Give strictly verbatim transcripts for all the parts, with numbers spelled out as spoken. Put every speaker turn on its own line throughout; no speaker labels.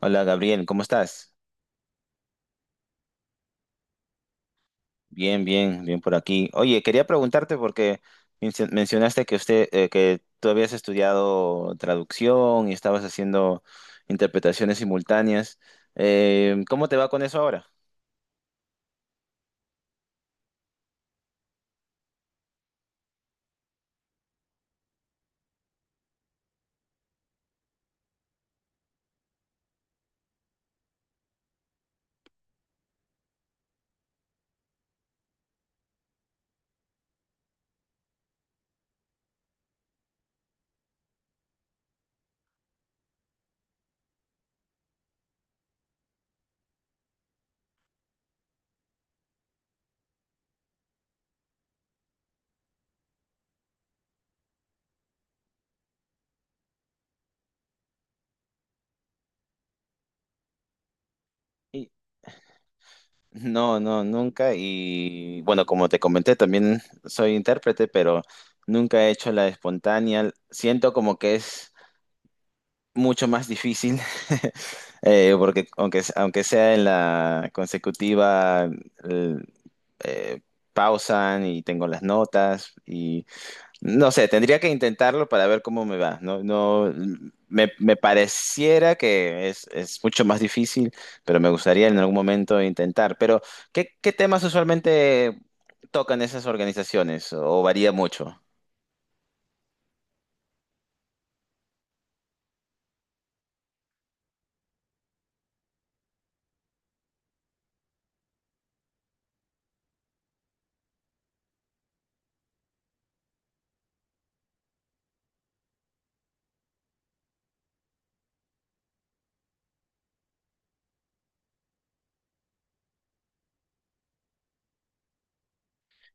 Hola Gabriel, ¿cómo estás? Bien, bien, bien por aquí. Oye, quería preguntarte porque mencio- mencionaste que usted, eh, que tú habías estudiado traducción y estabas haciendo interpretaciones simultáneas. Eh, ¿cómo te va con eso ahora? Y- No, no, nunca. Y bueno, como te comenté, también soy intérprete, pero nunca he hecho la espontánea. Siento como que es mucho más difícil, eh, porque aunque, aunque sea en la consecutiva, el- eh, pausan y tengo las notas y no sé, tendría que intentarlo para ver cómo me va. No, no, me, me pareciera que es, es mucho más difícil, pero me gustaría en algún momento intentar. Pero, ¿qué, qué temas usualmente tocan esas organizaciones o varía mucho?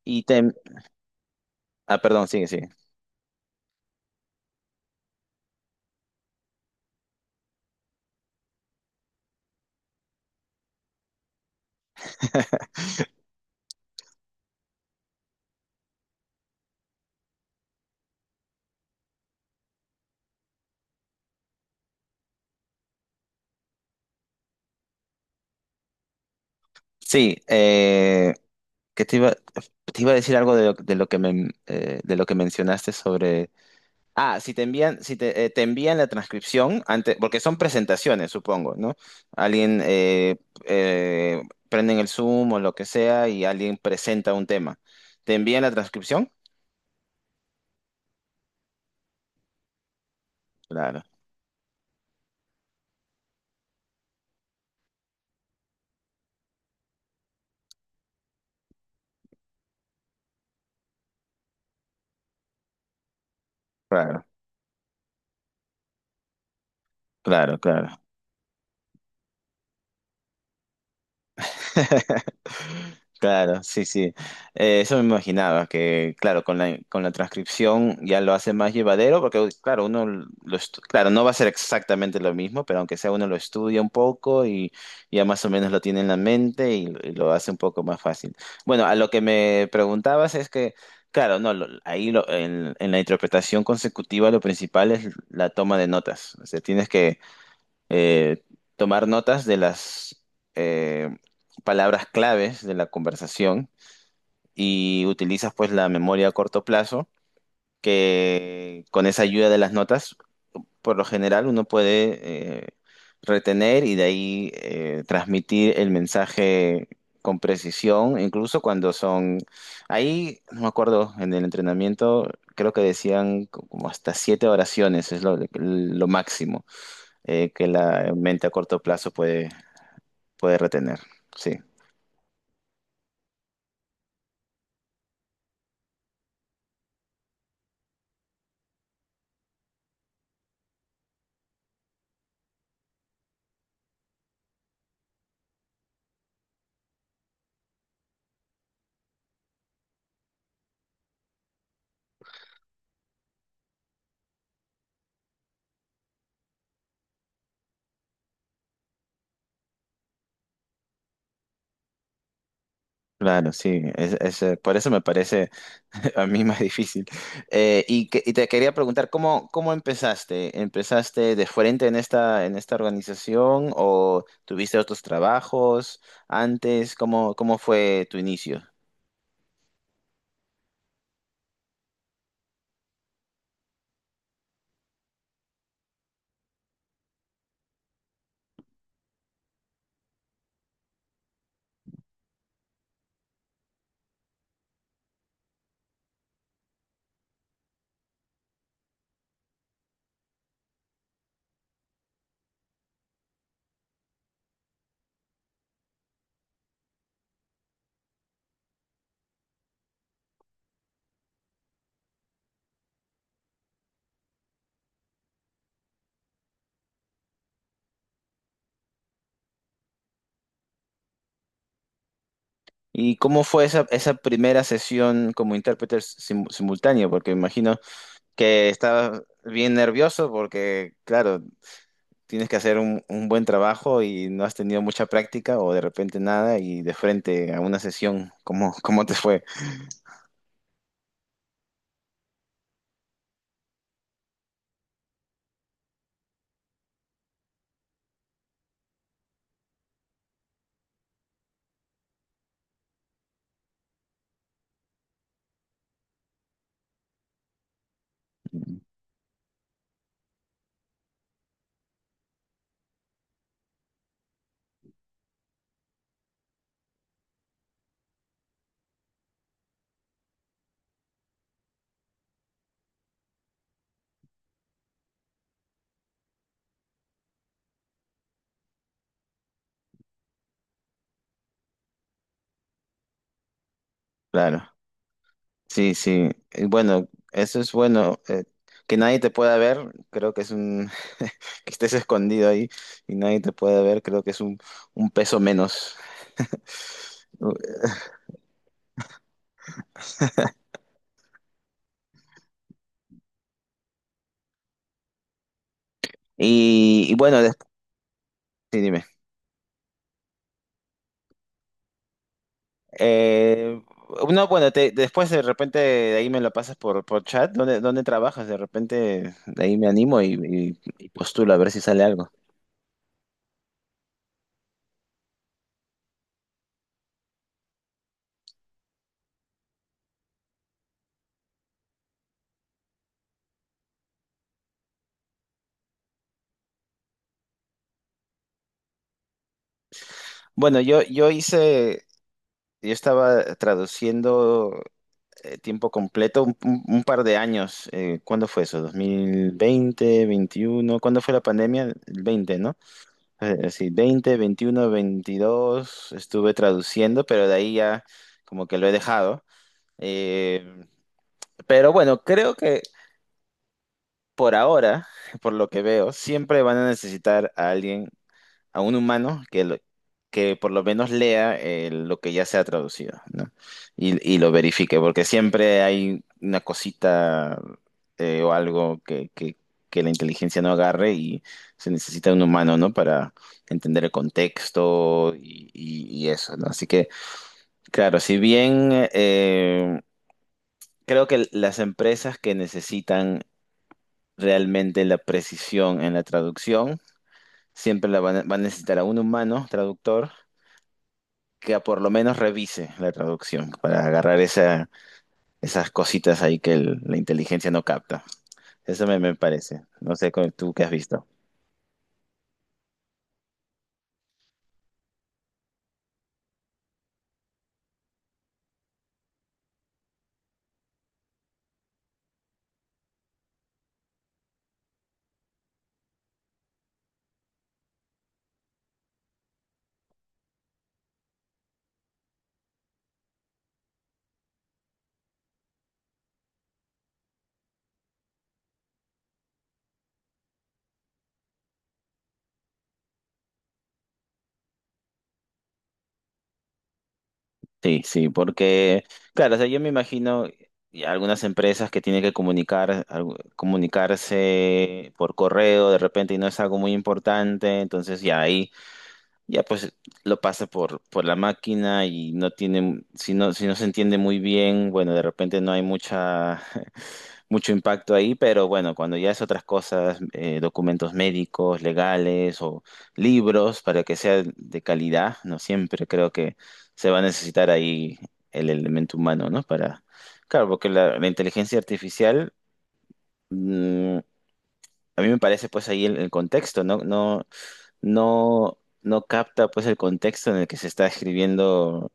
Y tem- ah, perdón, sigue, sigue. Sí, eh, que te iba, te iba a decir algo de lo, de lo que me, eh, de lo que mencionaste sobre. Ah, si te envían, si te, eh, te envían la transcripción antes, porque son presentaciones, supongo, ¿no? Alguien eh, eh, prenden el Zoom o lo que sea y alguien presenta un tema. ¿Te envían la transcripción? Claro, claro, claro, claro. Claro, sí, sí. Eh, eso me imaginaba, que claro, con la, con la transcripción ya lo hace más llevadero, porque claro, uno lo estu- claro, no va a ser exactamente lo mismo, pero aunque sea uno lo estudia un poco y ya más o menos lo tiene en la mente y, y lo hace un poco más fácil. Bueno, a lo que me preguntabas es que, claro, no, lo- ahí lo- en, en la interpretación consecutiva lo principal es la toma de notas. O sea, tienes que eh, tomar notas de las eh, palabras claves de la conversación y utilizas pues la memoria a corto plazo, que con esa ayuda de las notas, por lo general uno puede eh, retener y de ahí eh, transmitir el mensaje con precisión, incluso cuando son, ahí no me acuerdo, en el entrenamiento creo que decían como hasta siete oraciones, es lo, lo máximo eh, que la mente a corto plazo puede Puede retener, sí, claro, sí, es, es, eh, por eso me parece a mí más difícil. Eh, y, que- y te quería preguntar, ¿cómo, cómo empezaste? ¿Empezaste de frente en esta, en esta organización o tuviste otros trabajos antes? ¿Cómo, cómo fue tu inicio? ¿Y cómo fue esa, esa primera sesión como intérprete sim- simultáneo? Porque me imagino que estabas bien nervioso porque, claro, tienes que hacer un, un buen trabajo y no has tenido mucha práctica o de repente nada y de frente a una sesión, ¿cómo, cómo te fue? Claro, sí, sí. Y bueno, eso es bueno. Eh, que nadie te pueda ver, creo que es un. Que estés escondido ahí y nadie te pueda ver, creo que es un, un peso menos. Y, y bueno, después, Eh, no, bueno, te- después de repente de ahí me lo pasas por por chat. ¿Dónde, dónde trabajas? De repente de ahí me animo y, y, y postulo a ver si sale algo. Bueno, yo, yo hice, yo estaba traduciendo eh, tiempo completo un, un- un par de años. Eh, ¿cuándo fue eso? Dos mil veinte veintiuno. ¿Cuándo fue la pandemia? El veinte, ¿no? Eh, sí, veinte veintiuno veintidós estuve traduciendo, pero de ahí ya como que lo he dejado. Eh, Pero bueno, creo que por ahora, por lo que veo, siempre van a necesitar a alguien, a un humano que, lo- que por lo menos lea eh, lo que ya se ha traducido, ¿no? Y, y lo verifique, porque siempre hay una cosita eh, o algo que, que, que la inteligencia no agarre y se necesita un humano, ¿no? Para entender el contexto y, y- y eso, ¿no? Así que, claro, si bien... eh, creo que las empresas que necesitan realmente la precisión en la traducción. Siempre la va, va a necesitar a un humano traductor que por lo menos revise la traducción para agarrar esa- esas cositas ahí que el- la inteligencia no capta. Eso me, me parece. No sé cu- tú qué has visto. Sí, sí, porque, claro, o sea, yo me imagino y algunas empresas que tienen que comunicar, algo- comunicarse por correo de repente y no es algo muy importante, entonces ya ahí ya pues lo pasa por por la máquina y no tiene, si no, si no se entiende muy bien, bueno, de repente no hay mucha, mucho impacto ahí, pero bueno, cuando ya es otras cosas, eh, documentos médicos, legales o libros, para que sea de calidad, no siempre creo que se va a necesitar ahí el elemento humano, ¿no? Para, claro, porque la, la inteligencia artificial mm, a mí me parece pues ahí el, el contexto, no, no, no, no capta pues el contexto en el que se está escribiendo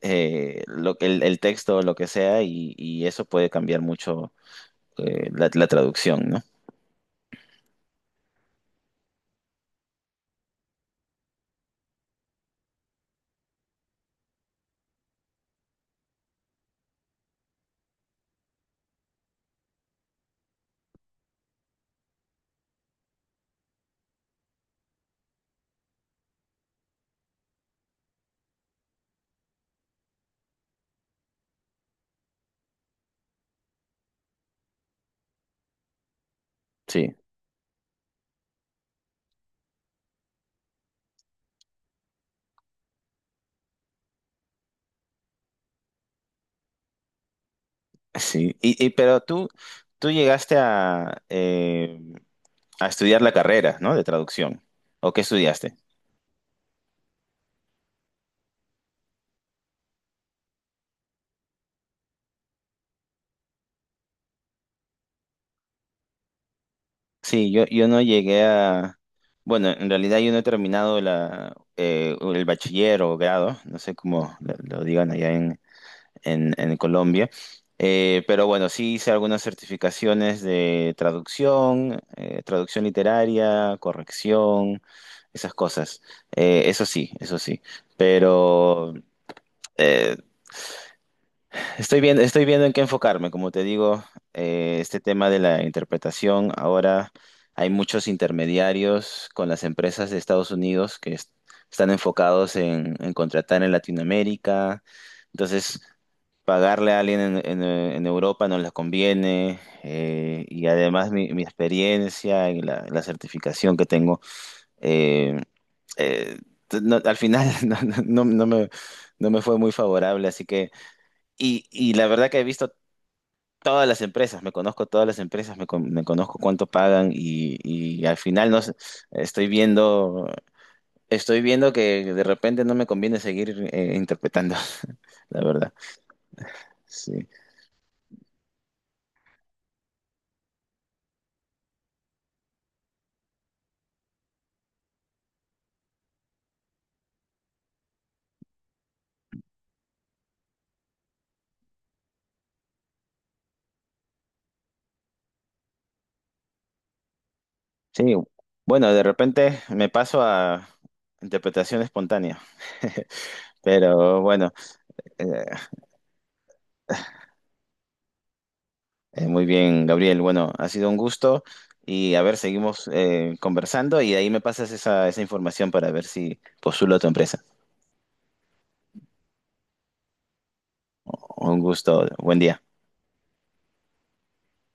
eh, lo, que- el, el texto o lo que sea y, y eso puede cambiar mucho eh, la, la traducción, ¿no? Sí, sí. Y, y- pero tú, tú llegaste a, eh, a estudiar la carrera, ¿no? De traducción. ¿O qué estudiaste? Sí, yo, yo no llegué a. Bueno, en realidad yo no he terminado la, eh, el bachiller o grado, no sé cómo lo, lo digan allá en, en, en Colombia, Eh, pero bueno, sí hice algunas certificaciones de traducción, eh, traducción literaria, corrección, esas cosas. Eh, eso sí, eso sí, pero. eh, Estoy viendo, estoy viendo en qué enfocarme, como te digo, eh, este tema de la interpretación, ahora hay muchos intermediarios con las empresas de Estados Unidos que est- están enfocados en en contratar en Latinoamérica, entonces pagarle a alguien en, en, eh, en Europa no les conviene, eh, y además mi, mi experiencia y la, la certificación que tengo, eh, eh, no- al final no, no- no me, no me fue muy favorable, así que. Y, y la verdad que he visto todas las empresas, me conozco todas las empresas, me, con- me conozco cuánto pagan y, y al final no sé, estoy viendo, estoy viendo que de repente no me conviene seguir eh, interpretando, la verdad. Sí. Sí, bueno, de repente me paso a interpretación espontánea. Pero bueno, eh, eh, muy bien, Gabriel. Bueno, ha sido un gusto y a ver, seguimos eh, conversando y ahí me pasas esa, esa información para ver si postulo a tu empresa. Un gusto. Buen día.